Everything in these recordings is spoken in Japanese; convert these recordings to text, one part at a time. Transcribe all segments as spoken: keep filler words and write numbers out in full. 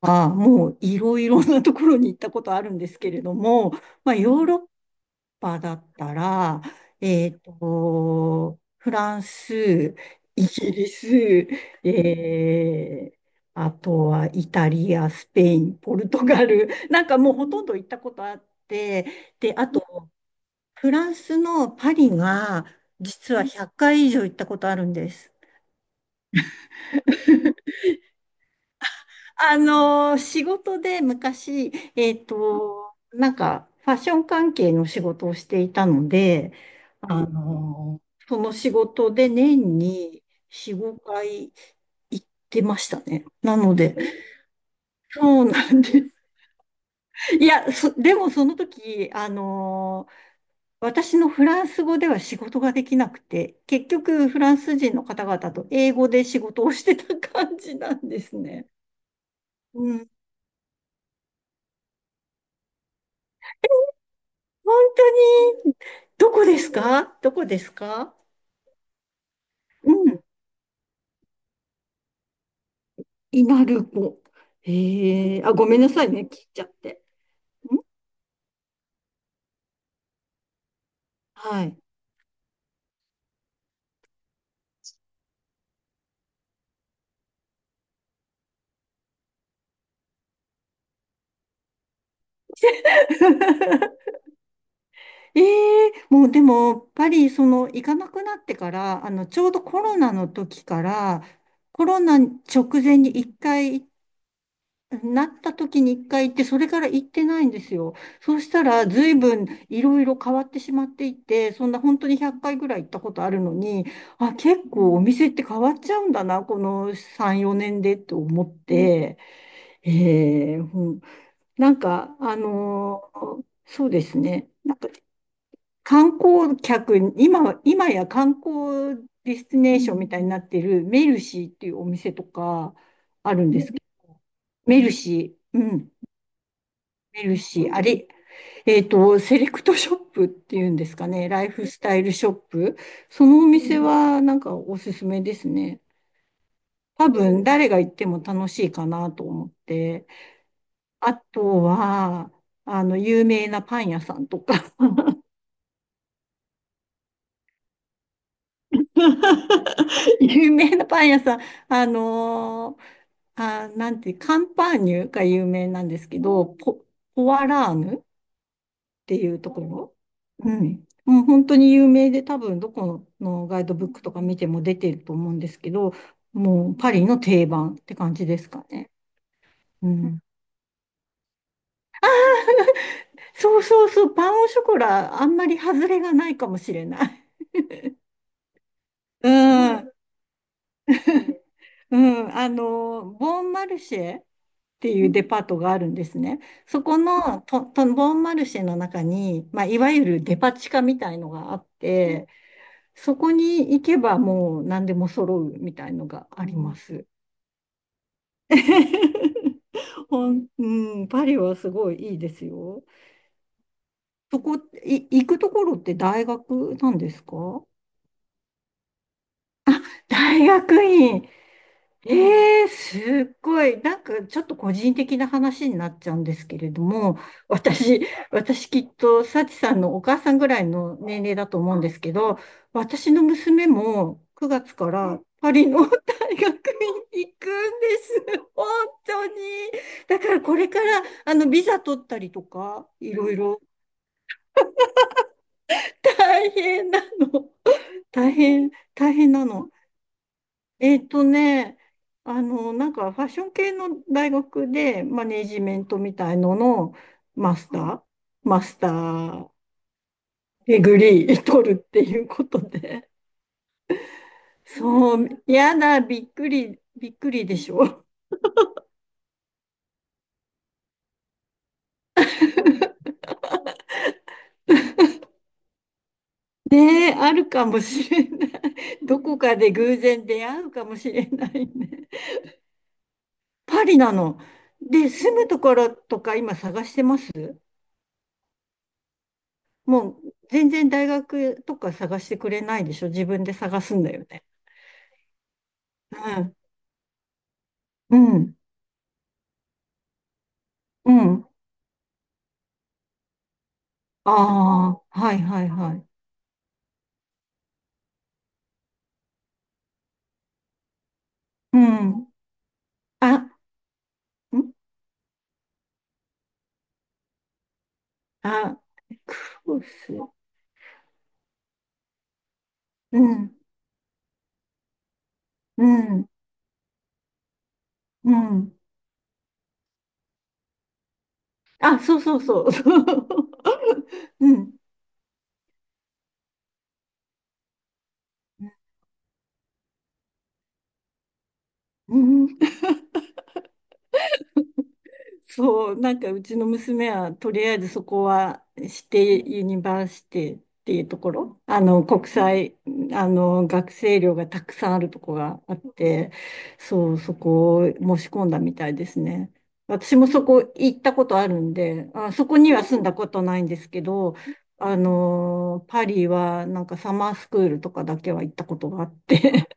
は、もういろいろなところに行ったことあるんですけれども、まあ、ヨーロッパだったら、えっと、フランス、イギリス、えーあとはイタリア、スペイン、ポルトガル、なんかもうほとんど行ったことあって、で、あと、フランスのパリが、実はひゃっかい以上行ったことあるんです。あのー、仕事で昔、えっと、なんか、ファッション関係の仕事をしていたので、あのー、その仕事で年によん、ごかい行ってましたね。なので、そうなんです。いや、そ、でもその時、あのー、私のフランス語では仕事ができなくて、結局フランス人の方々と英語で仕事をしてた感じなんですね。うん、本当に、どこですか？どこですか？うん、稲ル子。へえ、あ、ごめんなさいね、聞いちゃって。ん、はい。ええ、もうでも、やっぱりその、行かなくなってから、あの、ちょうどコロナの時から、コロナ直前に一回なった時に一回行って、それから行ってないんですよ。そうしたら、随分いろいろ変わってしまっていて、そんな本当にひゃっかいぐらい行ったことあるのに、あ、結構お店って変わっちゃうんだな、このさん、よねんでって思って、えーうん、なんか、あのーそうですね。なんか観光客に、今は、今や観光ディスティネーションみたいになっているメルシーっていうお店とかあるんですけど、メルシー。うん。見るし、あれ、えっと、セレクトショップっていうんですかね、ライフスタイルショップ。そのお店はなんかおすすめですね。多分誰が行っても楽しいかなと思って。あとは、あの、有名なパン屋さんとか 有名なパン屋さん、あのーあー、なんて、カンパーニュが有名なんですけど、ポ、ポワラーヌていうところ。うん。もう本当に有名で多分どこのガイドブックとか見ても出てると思うんですけど、もうパリの定番って感じですかね。うん。そうそうそう、パンオショコラ、あんまり外れがないかもしれない。うん。うん、あの、ボンマルシェっていうデパートがあるんですね。そこのと、と、ボンマルシェの中に、まあ、いわゆるデパ地下みたいのがあって、そこに行けばもう何でも揃うみたいのがあります。ほん、うん、パリはすごいいいですよ。そこ、い、行くところって大学なんですか？大学院。ええ、すっごい。なんかちょっと個人的な話になっちゃうんですけれども、私、私きっと、幸さんのお母さんぐらいの年齢だと思うんですけど、私の娘もくがつからパリの 大学に行くんです。本当に。だからこれから、あの、ビザ取ったりとか、いろいろ大変なの。大変、大変なの。えっとね、あの、なんかファッション系の大学でマネージメントみたいののマスター、マスターデグリー取るっていうことで。そう、やだ、びっくり、びっくりでしょ。ねえ、あるかもしれない。どこかで偶然出会うかもしれないね。パリなの。で、住むところとか今探してます。もう全然大学とか探してくれないでしょ。自分で探すんだよね。うん、うん、うん。ああ、はいはいはい。うん。あ、ん、あ、クロス。うん、うん、うん。あ、そうそうそう。そう、うん、うん。そう、なんかうちの娘はとりあえずそこは指定ユニバーシティっていうところ、あの国際、あの学生寮がたくさんあるとこがあって、そう、そこを申し込んだみたいですね。私もそこ行ったことあるんで、あ、そこには住んだことないんですけど、あの、パリはなんかサマースクールとかだけは行ったことがあって、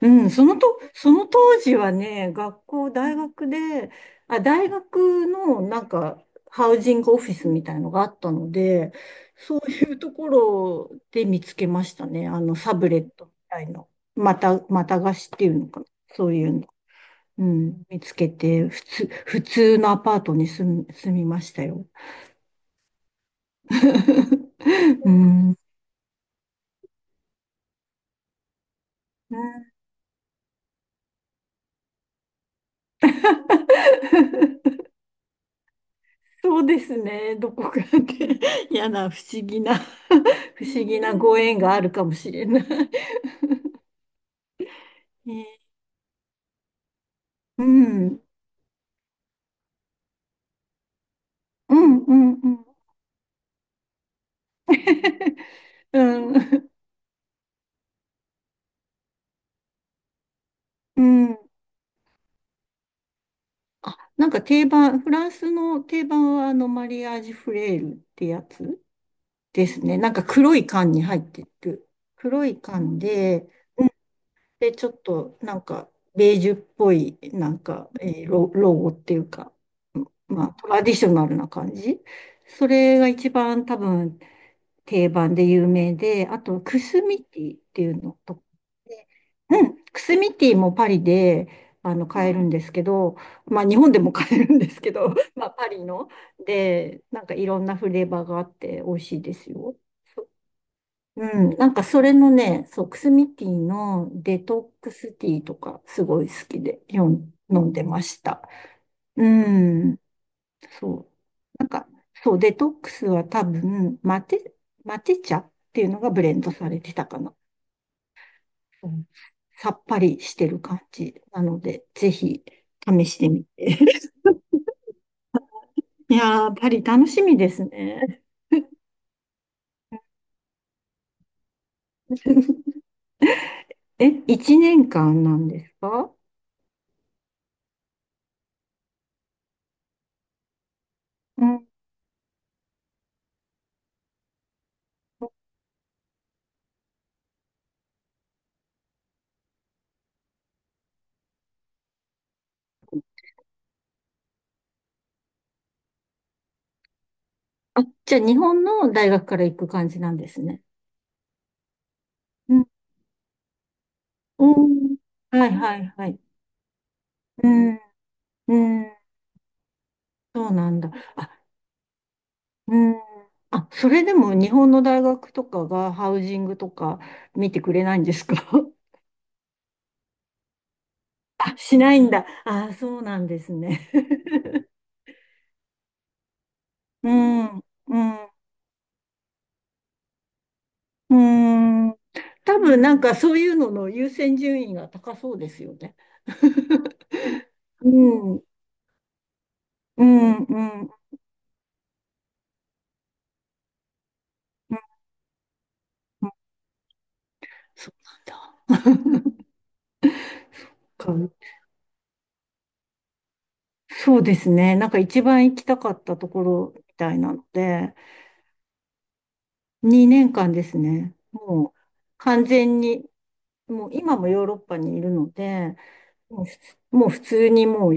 うん、そのと、その当時はね、学校、大学で、あ、大学のなんか、ハウジングオフィスみたいのがあったので、そういうところで見つけましたね。あの、サブレットみたいの。また、また貸しっていうのかな。そういうの。うん、見つけて、普通、普通のアパートに住み、住みましたよ。うん。うん、そうですね。どこかで 嫌な不思議な 不思議なご縁があるかもしれない。ね、うん。うん、うん、うん。うん。うん、あ、なんか定番、フランスの定番はあのマリアージュフレールってやつですね。なんか黒い缶に入ってる。黒い缶で、で、ちょっとなんか、ベージュっぽい、なんか、えーロ、ロゴっていうか、まあ、トラディショナルな感じ。それが一番多分定番で有名で、あと、クスミティっていうのとか、で、うん、クスミティもパリで、あの、買えるんん。ですけど、まあ、日本でも買えるんですけど、まあ、パリの。で、なんかいろんなフレーバーがあって美味しいですよ。うん、なんかそれのね、そう、クスミティのデトックスティーとかすごい好きでよん飲んでました。うん、そう。なんか、そう、デトックスは多分、マテ、マテ茶っていうのがブレンドされてたかな。うん、さっぱりしてる感じなので、ぜひ試してみて。いやー、パリ楽しみですね。え、いちねんかんなんですか？うん。あ、じゃあ日本の大学から行く感じなんですね。うん、うん。はいはいはい。うん。うん。そうなんだ。あ、うん。あ、それでも日本の大学とかがハウジングとか見てくれないんですか？ あ、しないんだ。あ、そうなんですね。うん。うん。うん。多分なんかそういうのの優先順位が高そうですよね。うん。うん。うん。うん。そうなんだ。そうですね。なんか一番行きたかったところみたいなので、にねんかんですね。もう完全に、もう今もヨーロッパにいるので、もうふつもう普通にもう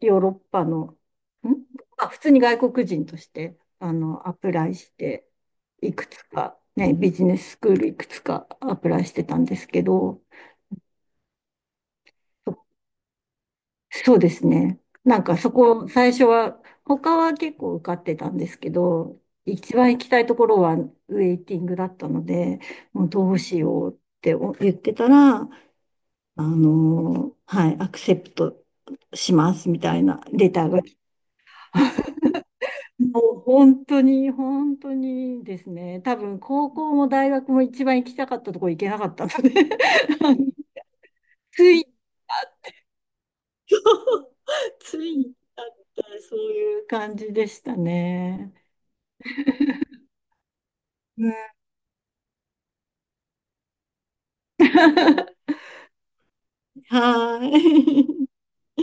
ヨーロッパの、ん、まあ、普通に外国人として、あの、アプライして、いくつか、ね、ビジネススクールいくつかアプライしてたんですけど、そうですね。なんかそこ、最初は、他は結構受かってたんですけど、一番行きたいところはウェイティングだったので、もうどうしようって言ってたら、あのはい、アクセプトしますみたいなレターが来て、もう本当に、本当にですね、多分高校も大学も一番行きたかったところ行けなかったので あのつい、ついに至ったってそういう感じでしたね。はい。